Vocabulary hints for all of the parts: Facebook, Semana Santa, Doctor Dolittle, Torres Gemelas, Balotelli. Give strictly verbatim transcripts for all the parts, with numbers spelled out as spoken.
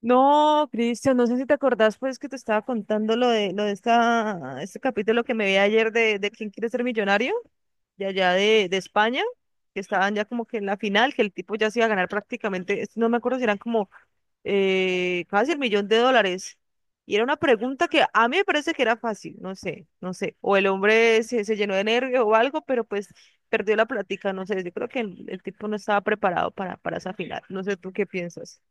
No, Cristian, no sé si te acordás, pues que te estaba contando lo de lo de esta, este capítulo que me vi ayer de, de quién quiere ser millonario, de allá de, de España, que estaban ya como que en la final, que el tipo ya se iba a ganar prácticamente, es- no me acuerdo si eran como eh, casi el millón de dólares. Y era una pregunta que a mí me parece que era fácil, no sé, no sé. O el hombre se, se llenó de nervio o algo, pero pues perdió la plática, no sé. Yo creo que el, el tipo no estaba preparado para, para esa final. No sé tú qué piensas.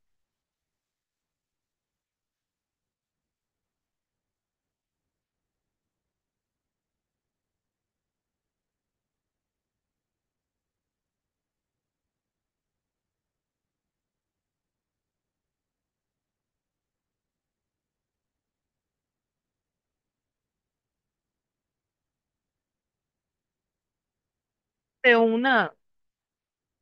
De una.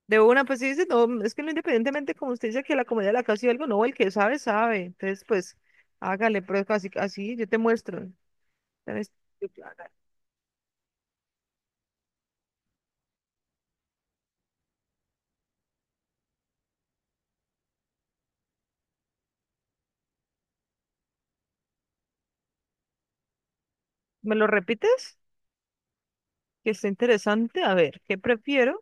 De una, pues sí, dice, no, es que no, independientemente, como usted dice, que la comedia de la casa y algo, no, el que sabe, sabe. Entonces, pues, hágale, pero así, así yo te muestro. Tenés- ¿Me lo repites? Que está interesante. A ver, ¿qué prefiero?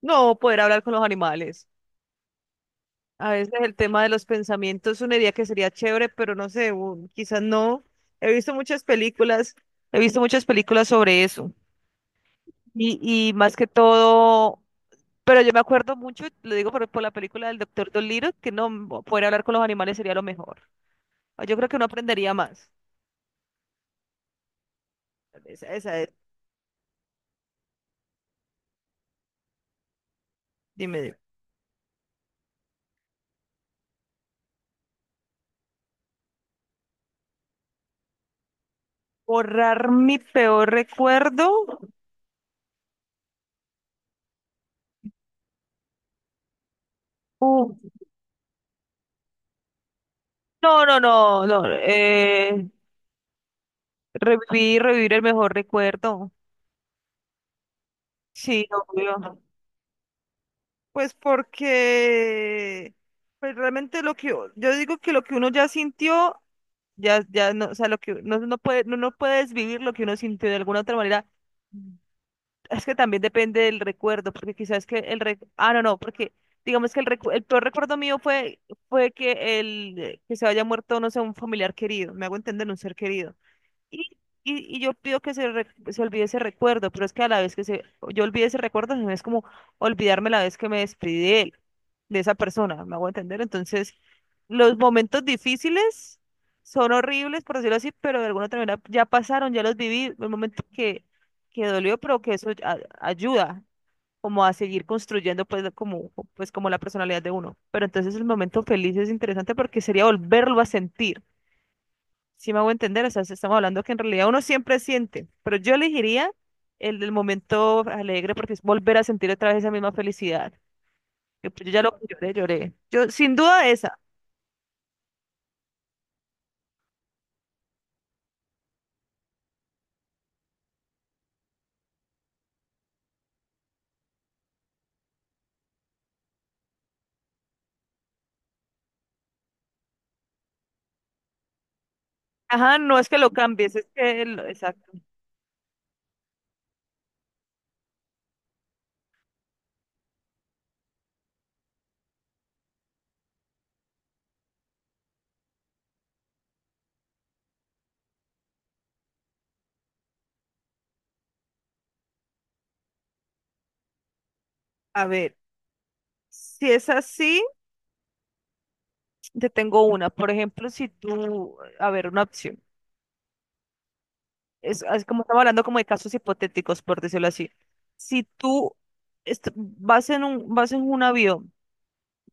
No, poder hablar con los animales. A veces el tema de los pensamientos es una idea que sería chévere, pero no sé, u- quizás no. He visto muchas películas, he visto muchas películas sobre eso. Y, y más que todo. Pero yo me acuerdo mucho, lo digo por, por la película del Doctor Dolittle, que no poder hablar con los animales sería lo mejor. Ah, yo creo que uno aprendería más. Esa, esa es, dime, dime. Borrar mi peor recuerdo. Uh, no, no, no, no. Eh, revivir, revivir el mejor recuerdo. Sí, obvio. Pues porque, pues realmente lo que yo, yo digo que lo que uno ya sintió, ya, ya no, o sea, lo que no, no puede, no, no puedes vivir lo que uno sintió de alguna otra manera. Es que también depende del recuerdo, porque quizás que el re... Ah, no, no, porque digamos que el, recu- el peor recuerdo mío fue, fue que, el, que se haya muerto, no sé, un familiar querido, me hago entender, un ser querido. Y, y, y yo pido que se, re- se olvide ese recuerdo, pero es que a la vez que se, yo olvide ese recuerdo, no es como olvidarme la vez que me despedí de él, de esa persona, ¿me hago entender? Entonces, los momentos difíciles son horribles, por decirlo así, pero de alguna otra manera ya pasaron, ya los viví, el momento que, que dolió, pero que eso a- ayuda como a seguir construyendo pues como, pues como la personalidad de uno. Pero entonces el momento feliz es interesante porque sería volverlo a sentir. Si me hago entender, o sea, si estamos hablando que en realidad uno siempre siente, pero yo elegiría el del momento alegre porque es volver a sentir otra vez esa misma felicidad. Que, pues, yo ya lo lloré, lloré. Yo, sin duda esa. Ajá, no es que lo cambies, es que lo- exacto. A ver, si es así, te tengo una. Por ejemplo, si tú, a ver, una opción. Es, es como estamos hablando como de casos hipotéticos, por decirlo así. Si tú est- vas en un, vas en un, avión.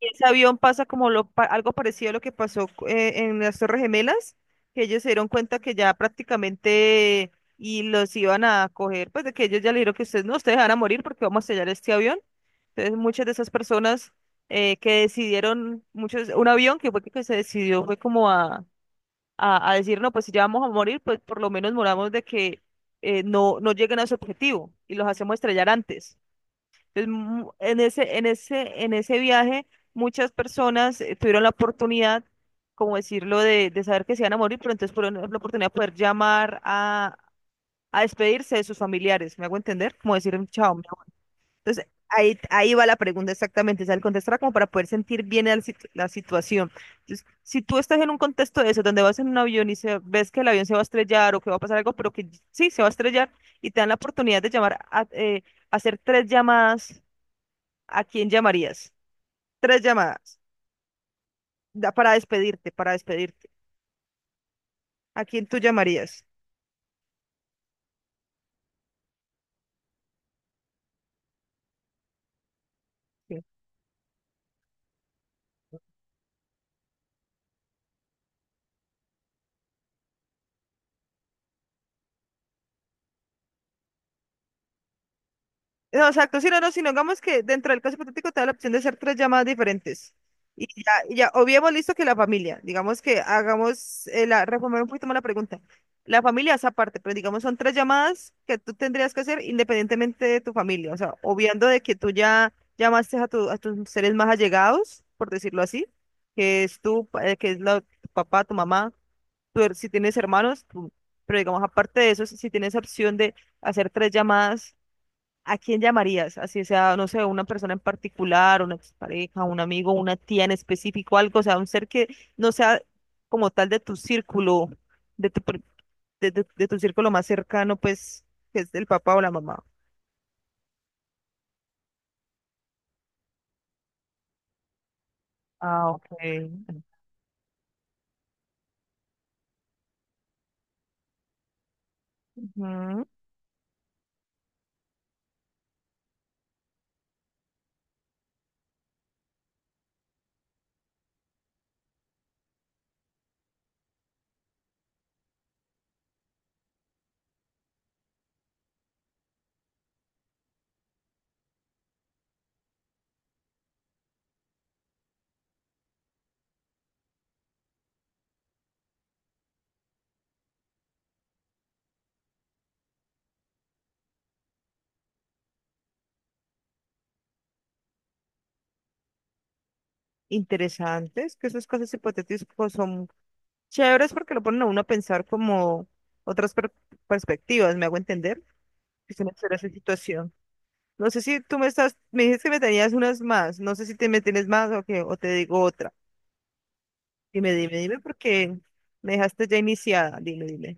Y ese avión pasa como lo, pa- algo parecido a lo que pasó eh, en las Torres Gemelas, que ellos se dieron cuenta que ya prácticamente y los iban a coger, pues de que ellos ya le dijeron que ustedes no, ustedes van a morir porque vamos a sellar este avión. Entonces muchas de esas personas eh, que decidieron, muchos, un avión que fue que se decidió fue como a, a, a, decir, no, pues si ya vamos a morir, pues por lo menos moramos de que eh, no, no lleguen a su objetivo y los hacemos estrellar antes. Entonces, mu- en ese, en ese, en ese, viaje, muchas personas eh, tuvieron la oportunidad, como decirlo, de, de saber que se iban a morir, pero entonces por la oportunidad de poder llamar a, a despedirse de sus familiares. ¿Me hago entender? Como decir un chao. Me hago- Entonces, ahí, ahí va la pregunta exactamente. O sea, el contestar como para poder sentir bien el situ- la situación. Entonces, si tú estás en un contexto de eso, donde vas en un avión y se, ves que el avión se va a estrellar o que va a pasar algo, pero que sí, se va a estrellar, y te dan la oportunidad de llamar a, eh, hacer tres llamadas. ¿A quién llamarías? Tres llamadas. da- Para despedirte, para despedirte. ¿A quién tú llamarías? Sí. No, exacto. Si no, no, si no, digamos que dentro del caso hipotético te da la opción de hacer tres llamadas diferentes. Y ya, y ya obviemos listo que la familia. Digamos que hagamos, eh, la, reformular un poquito más la pregunta. La familia es aparte, pero digamos son tres llamadas que tú tendrías que hacer independientemente de tu familia. O sea, obviando de que tú ya llamaste a, tu, a tus seres más allegados, por decirlo así, que es tu, pa- eh, que es la, tu papá, tu mamá. Tú er- si tienes hermanos, tú- pero digamos, aparte de eso, si si tienes opción de hacer tres llamadas, ¿a quién llamarías? Así sea, no sé, una persona en particular, una expareja, un amigo, una tía en específico, algo, o sea, un ser que no sea como tal de tu círculo, de tu, pr- de, de- de tu círculo más cercano, pues, que es del papá o la mamá. Ah, ok. Ujú. Interesantes, que esas cosas hipotéticas pues, son chéveres porque lo ponen a uno a pensar como otras per- perspectivas, ¿me hago entender? Se me suena esa situación. No sé si tú me estás, me dijiste que me tenías unas más, no sé si te me tienes más o que, o te digo otra. Dime, dime, dime, porque me dejaste ya iniciada, dime, dime.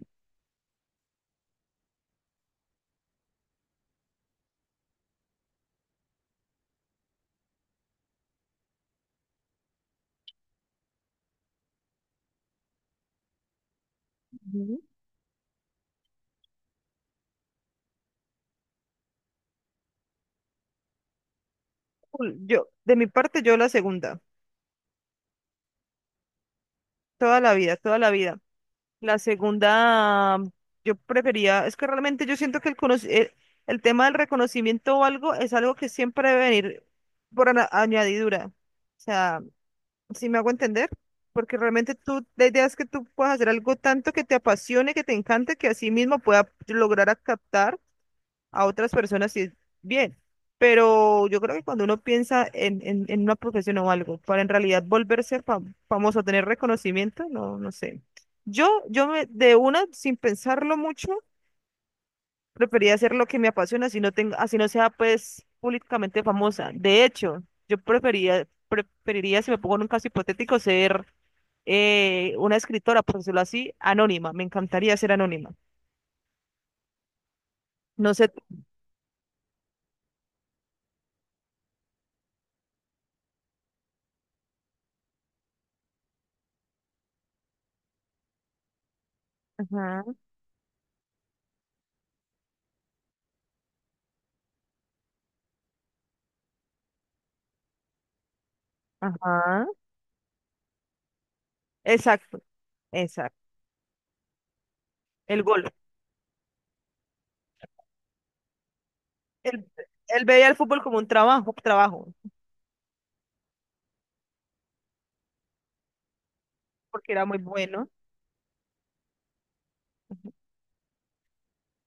Ujú. Cool, yo, de mi parte, yo la segunda, toda la vida, toda la vida. La segunda, yo prefería, es que realmente yo siento que el, conoci- eh, el tema del reconocimiento o algo es algo que siempre debe venir por ana- añadidura. O sea, si me hago entender, porque realmente tú, la idea es que tú puedas hacer algo tanto que te apasione, que te encante, que así mismo pueda lograr a captar a otras personas y es bien. Pero yo creo que cuando uno piensa en, en, en una profesión o algo, para en realidad volverse fam- famoso, tener reconocimiento, no, no sé. Yo, yo me, de una, sin pensarlo mucho, prefería hacer lo que me apasiona, así no tengo, así no sea pues públicamente famosa. De hecho, yo prefería, preferiría, si me pongo en un caso hipotético, ser eh, una escritora, por decirlo así, anónima. Me encantaría ser anónima. No sé. Ajá, ajá. Exacto, exacto. El gol. Él, él veía el fútbol como un trabajo, trabajo, porque era muy bueno.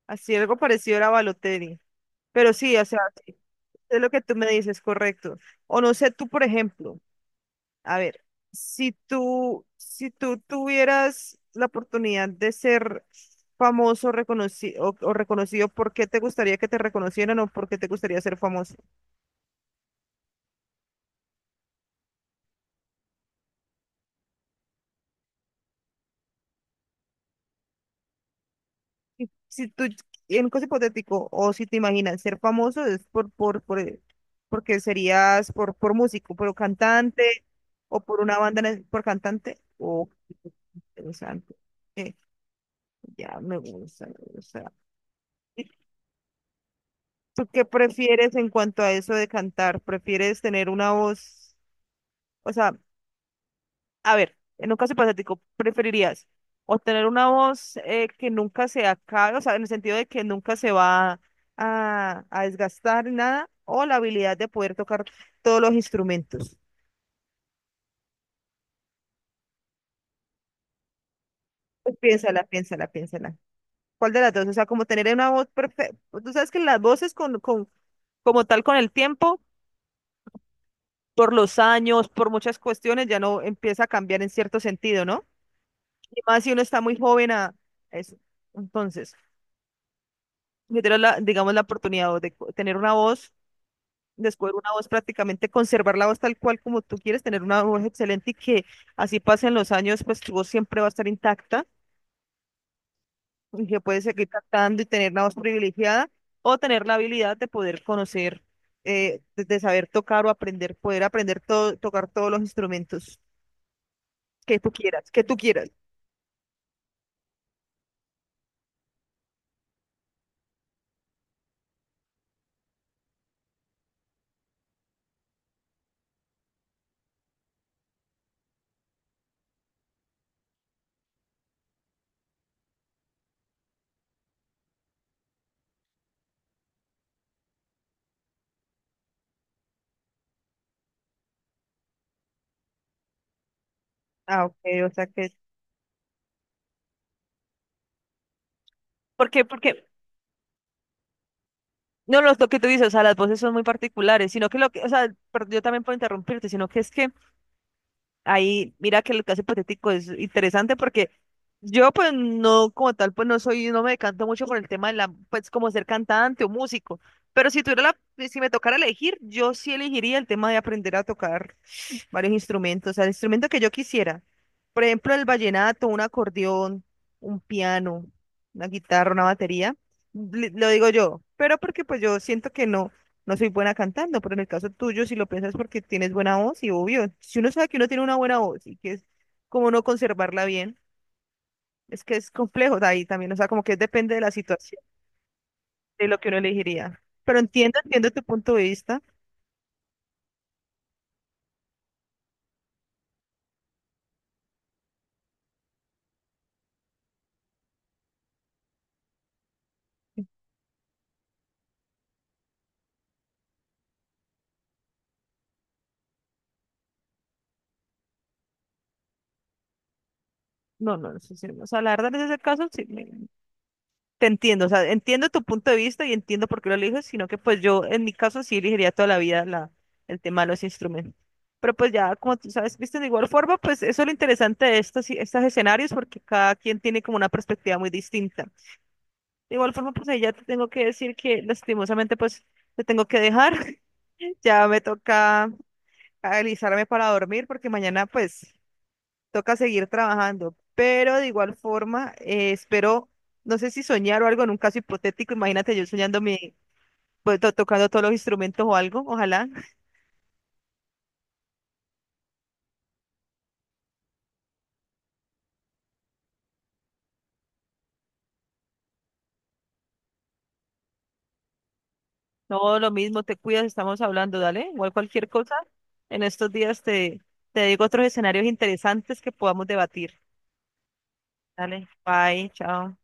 Así algo parecido era Balotelli. Pero sí, o sea, sí, es lo que tú me dices, correcto. O no sé, tú, por ejemplo, a ver, si tú, si tú tuvieras la oportunidad de ser famoso reconoci- o, o reconocido, ¿por qué te gustaría que te reconocieran o por qué te gustaría ser famoso? Si tú, en un caso hipotético, o si te imaginas ser famoso, es por, por, por, eh, porque serías por, por músico, por cantante, o por una banda, en es- por cantante, o interesante. Eh, ya me gusta, me gusta. ¿Tú qué prefieres en cuanto a eso de cantar? ¿Prefieres tener una voz? O sea, a ver, en un caso hipotético, ¿preferirías o tener una voz eh, que nunca se acabe, o sea, en el sentido de que nunca se va a, a desgastar ni nada, o la habilidad de poder tocar todos los instrumentos? Pues piénsala, piénsala, piénsala. ¿Cuál de las dos? O sea, como tener una voz perfecta. Tú sabes que las voces con, con, como tal con el tiempo, por los años, por muchas cuestiones, ya no empieza a cambiar en cierto sentido, ¿no? Y más si uno está muy joven a eso. Entonces, yo tengo la, digamos, la oportunidad o de co- tener una voz, descubrir una voz prácticamente, conservar la voz tal cual como tú quieres, tener una voz excelente y que así pasen los años, pues tu voz siempre va a estar intacta y que puedes seguir cantando y tener una voz privilegiada o tener la habilidad de poder conocer, eh, de, de saber tocar o aprender, poder aprender todo, tocar todos los instrumentos que tú quieras, que tú quieras. Ah, ok, o sea que... ¿Por qué? Porque no, no, lo que tú dices, o sea, las voces son muy particulares, sino que lo que, o sea, pero yo también puedo interrumpirte, sino que es que ahí, mira que el caso hipotético es interesante porque yo pues no, como tal, pues no soy, no me decanto mucho por el tema de la, pues como ser cantante o músico, pero si tuviera la, si me tocara elegir, yo sí elegiría el tema de aprender a tocar varios instrumentos, o sea, el instrumento que yo quisiera. Por ejemplo, el vallenato, un acordeón, un piano, una guitarra, una batería. li- Lo digo yo, pero porque pues yo siento que no, no soy buena cantando, pero en el caso tuyo, si lo piensas porque tienes buena voz, y obvio, si uno sabe que uno tiene una buena voz y que es como no conservarla bien, es que es complejo de ahí también, o sea, como que depende de la situación, de lo que uno elegiría. Pero entiendo, entiendo tu punto de vista. No, no, no sé si, o sea, la verdad, en ese caso, sí, te entiendo, o sea, entiendo tu punto de vista y entiendo por qué lo eliges, sino que pues yo en mi caso sí elegiría toda la vida la, el tema de los instrumentos. Pero pues ya, como tú sabes, viste, de igual forma, pues eso es lo interesante de estos, y- estos escenarios porque cada quien tiene como una perspectiva muy distinta. De igual forma, pues ahí ya te tengo que decir que lastimosamente pues te tengo que dejar, ya me toca alisarme para dormir porque mañana pues toca seguir trabajando, pero de igual forma, eh, espero, no sé si soñar o algo en un caso hipotético, imagínate yo soñando mi, pues, to- tocando todos los instrumentos o algo, ojalá. No, lo mismo, te cuidas, estamos hablando, dale, igual cualquier cosa, en estos días te, te digo otros escenarios interesantes que podamos debatir. Dale, bye, chao.